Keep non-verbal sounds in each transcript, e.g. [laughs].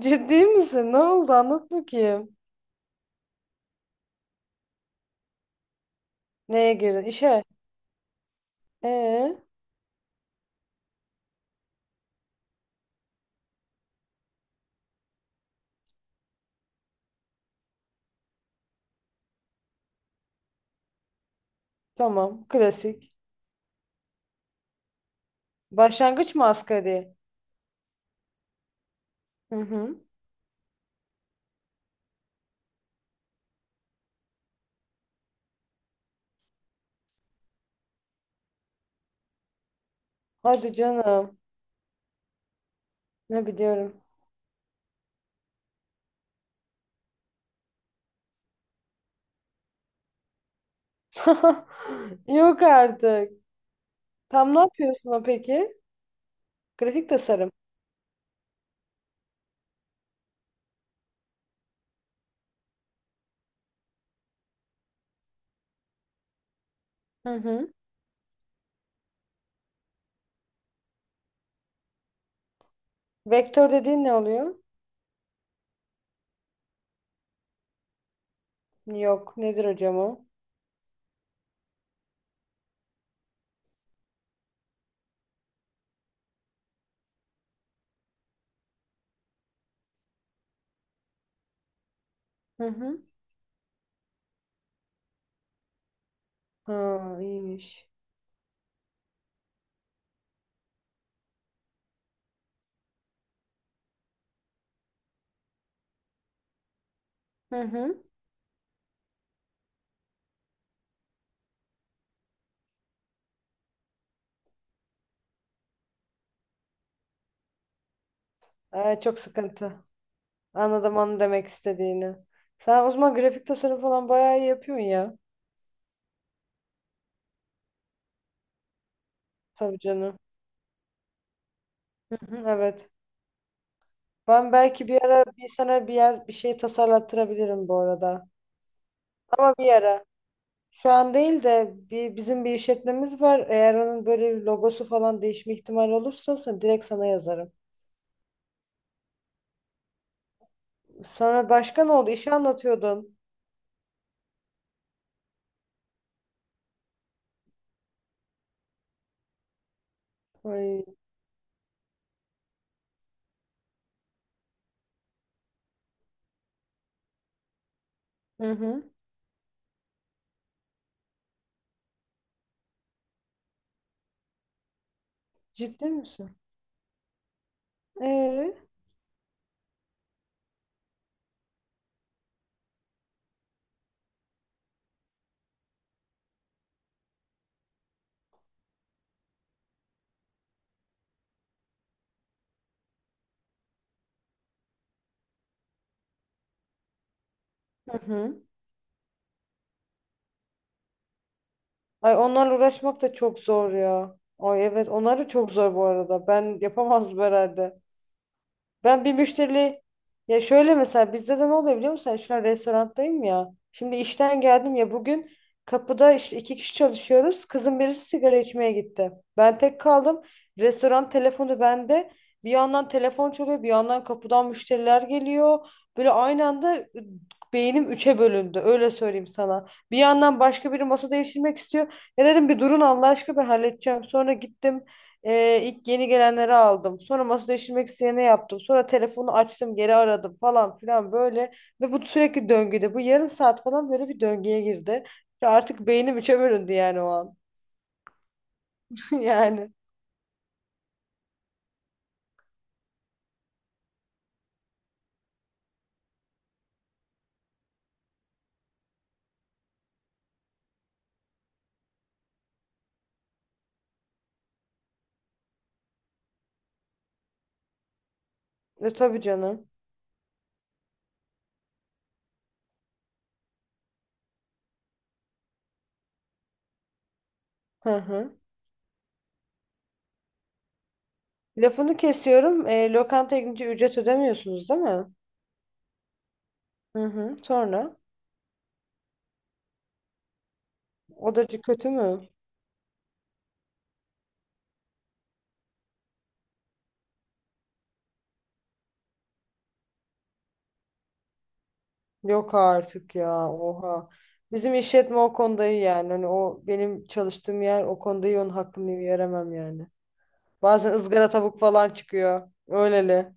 Ciddi misin? Ne oldu? Anlat bakayım. Neye girdin? İşe. Ee, tamam. Klasik. Başlangıç mı asgari? Hı hı. Hadi canım. Ne biliyorum. [laughs] Yok artık. Tam ne yapıyorsun o peki? Grafik tasarım. Hı hı. Vektör dediğin ne oluyor? Yok. Nedir hocam o? Hı hı. Ha, iyiymiş. Hı hı. Aa, çok sıkıntı. Anladım onu demek istediğini. Sen o zaman grafik tasarım falan bayağı iyi yapıyorsun ya. Tabii canım. Hı hı, evet. Ben belki bir ara sana bir yer bir şey tasarlattırabilirim bu arada. Ama bir ara. Şu an değil de bir, bizim bir işletmemiz var. Eğer onun böyle bir logosu falan değişme ihtimali olursa sen, direkt sana yazarım. Sonra başka ne oldu? İşi anlatıyordun. Ay. Hı hı. Ciddi misin? Ee? Hı hı. Ay onlarla uğraşmak da çok zor ya. Ay evet onları çok zor bu arada. Ben yapamazdım herhalde. Ben bir müşteri ya şöyle mesela bizde de ne oluyor biliyor musun? Yani şu an restoranttayım ya. Şimdi işten geldim ya bugün kapıda işte 2 kişi çalışıyoruz. Kızın birisi sigara içmeye gitti. Ben tek kaldım. Restoran telefonu bende. Bir yandan telefon çalıyor, bir yandan kapıdan müşteriler geliyor. Böyle aynı anda beynim üçe bölündü. Öyle söyleyeyim sana. Bir yandan başka biri masa değiştirmek istiyor. Ya dedim bir durun Allah aşkına ben halledeceğim. Sonra gittim. İlk yeni gelenleri aldım. Sonra masada işlemek isteyene yaptım. Sonra telefonu açtım, geri aradım falan filan böyle. Ve bu sürekli döngüde. Bu yarım saat falan böyle bir döngüye girdi. Ve artık beynim üçe bölündü yani o an. [laughs] Yani. E, tabii canım. Hı hı. Lafını kesiyorum. E, lokantaya gidince ücret ödemiyorsunuz değil mi? Hı hı. Sonra? Odacı kötü mü? Yok artık ya. Oha. Bizim işletme o konuda iyi yani. Hani o benim çalıştığım yer o konuda iyi onun hakkını veremem yani. Bazen ızgara tavuk falan çıkıyor. Öyleli.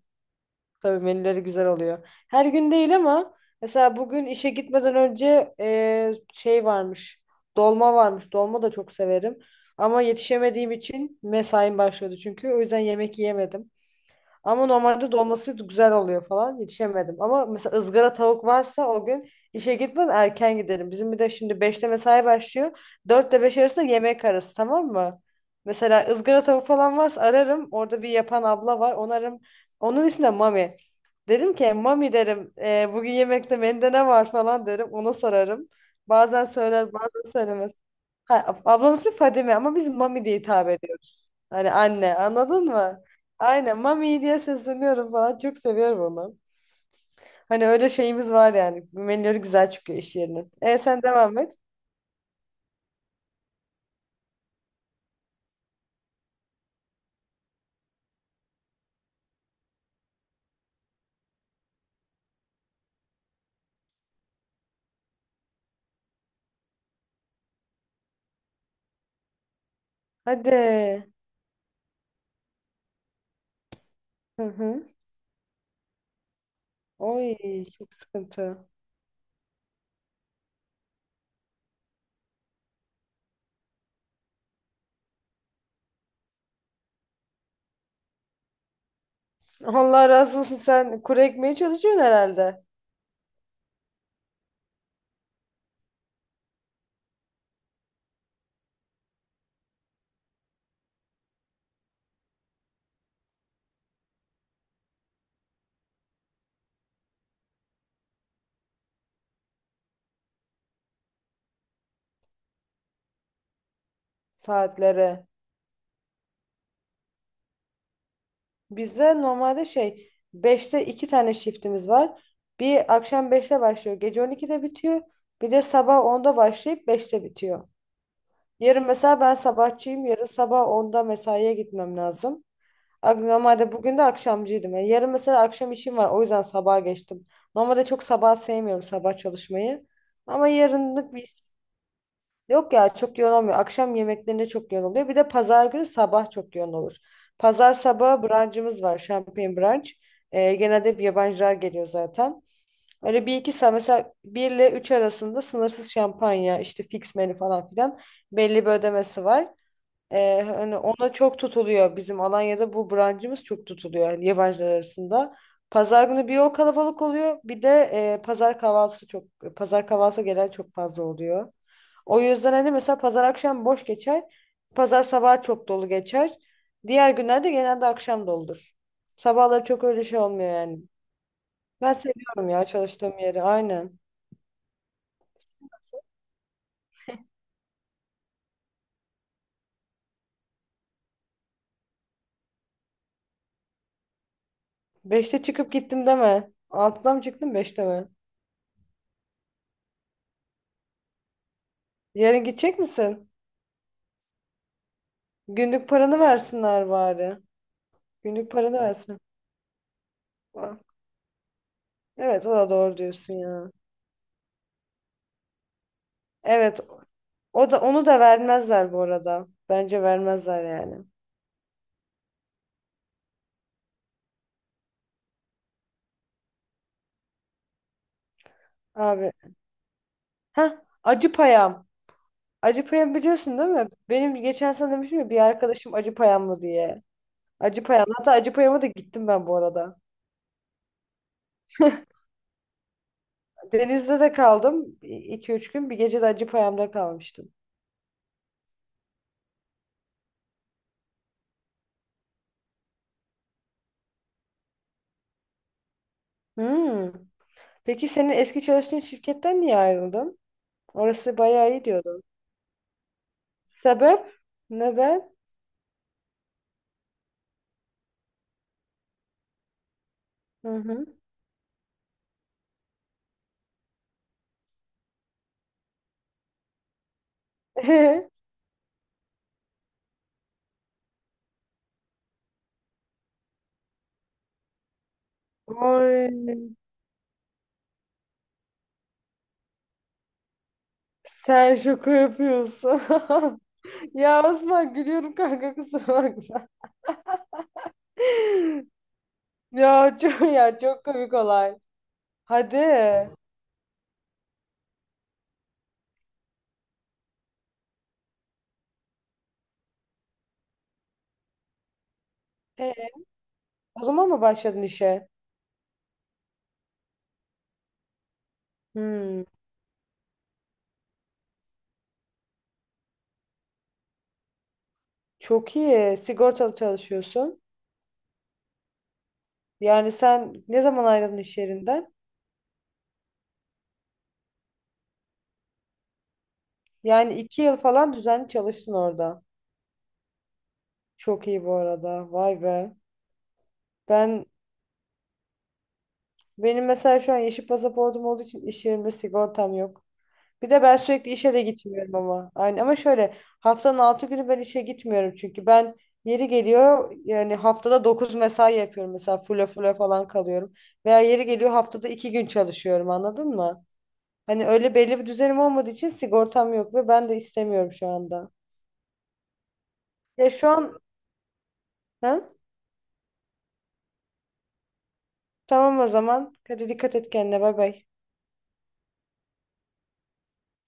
Tabii menüleri güzel oluyor. Her gün değil ama mesela bugün işe gitmeden önce şey varmış. Dolma varmış. Dolma da çok severim. Ama yetişemediğim için mesaim başlıyordu çünkü. O yüzden yemek yiyemedim. Ama normalde dolması güzel oluyor falan. Yetişemedim. Ama mesela ızgara tavuk varsa o gün işe gitmeden erken gidelim. Bizim bir de şimdi beşte mesai başlıyor. 4 ile 5 arasında yemek arası tamam mı? Mesela ızgara tavuk falan varsa ararım. Orada bir yapan abla var. Onu ararım. Onun ismi de Mami. Derim ki Mami derim, bugün yemekte menüde ne var" falan derim. Ona sorarım. Bazen söyler bazen söylemez. Ha, ablanın ismi Fadime ama biz Mami diye hitap ediyoruz. Hani anne anladın mı? Aynen Mami diye sesleniyorum falan. Çok seviyorum onu. Hani öyle şeyimiz var yani. Menüleri güzel çıkıyor iş yerinin. E sen devam et. Hadi. Hı hı. Oy çok sıkıntı. Allah razı olsun sen kuru ekmeye çalışıyorsun herhalde saatlere. Bizde normalde şey beşte 2 tane shiftimiz var. Bir akşam beşte başlıyor. Gece 12'de bitiyor. Bir de sabah onda başlayıp beşte bitiyor. Yarın mesela ben sabahçıyım. Yarın sabah onda mesaiye gitmem lazım. Normalde bugün de akşamcıydım. Yani yarın mesela akşam işim var. O yüzden sabaha geçtim. Normalde çok sabah sevmiyorum sabah çalışmayı. Ama yarınlık bir yok ya çok yoğun olmuyor. Akşam yemeklerinde çok yoğun oluyor. Bir de pazar günü sabah çok yoğun olur. Pazar sabahı brunch'ımız var. Champagne brunch. Genelde hep yabancılar geliyor zaten. Öyle bir iki saat mesela bir ile üç arasında sınırsız şampanya işte fix menü falan filan belli bir ödemesi var. Hani ona çok tutuluyor. Bizim Alanya'da bu brancımız çok tutuluyor yani yabancılar arasında. Pazar günü bir o kalabalık oluyor. Bir de pazar kahvaltısı çok pazar kahvaltısı gelen çok fazla oluyor. O yüzden hani mesela pazar akşam boş geçer. Pazar sabah çok dolu geçer. Diğer günlerde genelde akşam doludur. Sabahları çok öyle şey olmuyor yani. Ben seviyorum ya çalıştığım yeri. Aynen. Beşte çıkıp gittim deme. Altıda mı çıktın beşte mi? Yarın gidecek misin? Günlük paranı versinler bari. Günlük paranı versin. Aa, evet o da doğru diyorsun ya. Evet o da onu da vermezler bu arada. Bence vermezler yani. Abi. Ha acı payam. Acı payam biliyorsun değil mi? Benim geçen sene demiştim ya bir arkadaşım acı payam mı diye. Acı payam. Hatta acı payama da gittim ben bu arada. Denizli'de de kaldım. İki üç gün bir gece de acı payamda kalmıştım. Hmm. Peki senin eski çalıştığın şirketten niye ayrıldın? Orası bayağı iyi diyordun. Sebep? Neden? Hı hı. [laughs] Ay, sen şaka yapıyorsun. [laughs] Ya Osman gülüyorum kanka kusura bakma. [laughs] Ya çok ya çok komik olay. Hadi. E, o zaman mı başladın işe? Hmm, çok iyi. Sigortalı çalışıyorsun. Yani sen ne zaman ayrıldın iş yerinden? Yani 2 yıl falan düzenli çalıştın orada. Çok iyi bu arada. Vay be. Ben Benim mesela şu an yeşil pasaportum olduğu için iş yerimde sigortam yok. Bir de ben sürekli işe de gitmiyorum ama. Aynı ama şöyle haftanın 6 günü ben işe gitmiyorum çünkü yeri geliyor yani haftada 9 mesai yapıyorum mesela full full falan kalıyorum. Veya yeri geliyor haftada 2 gün çalışıyorum anladın mı? Hani öyle belli bir düzenim olmadığı için sigortam yok ve ben de istemiyorum şu anda. Ya şu an ha? Tamam o zaman. Hadi dikkat et kendine bay bay.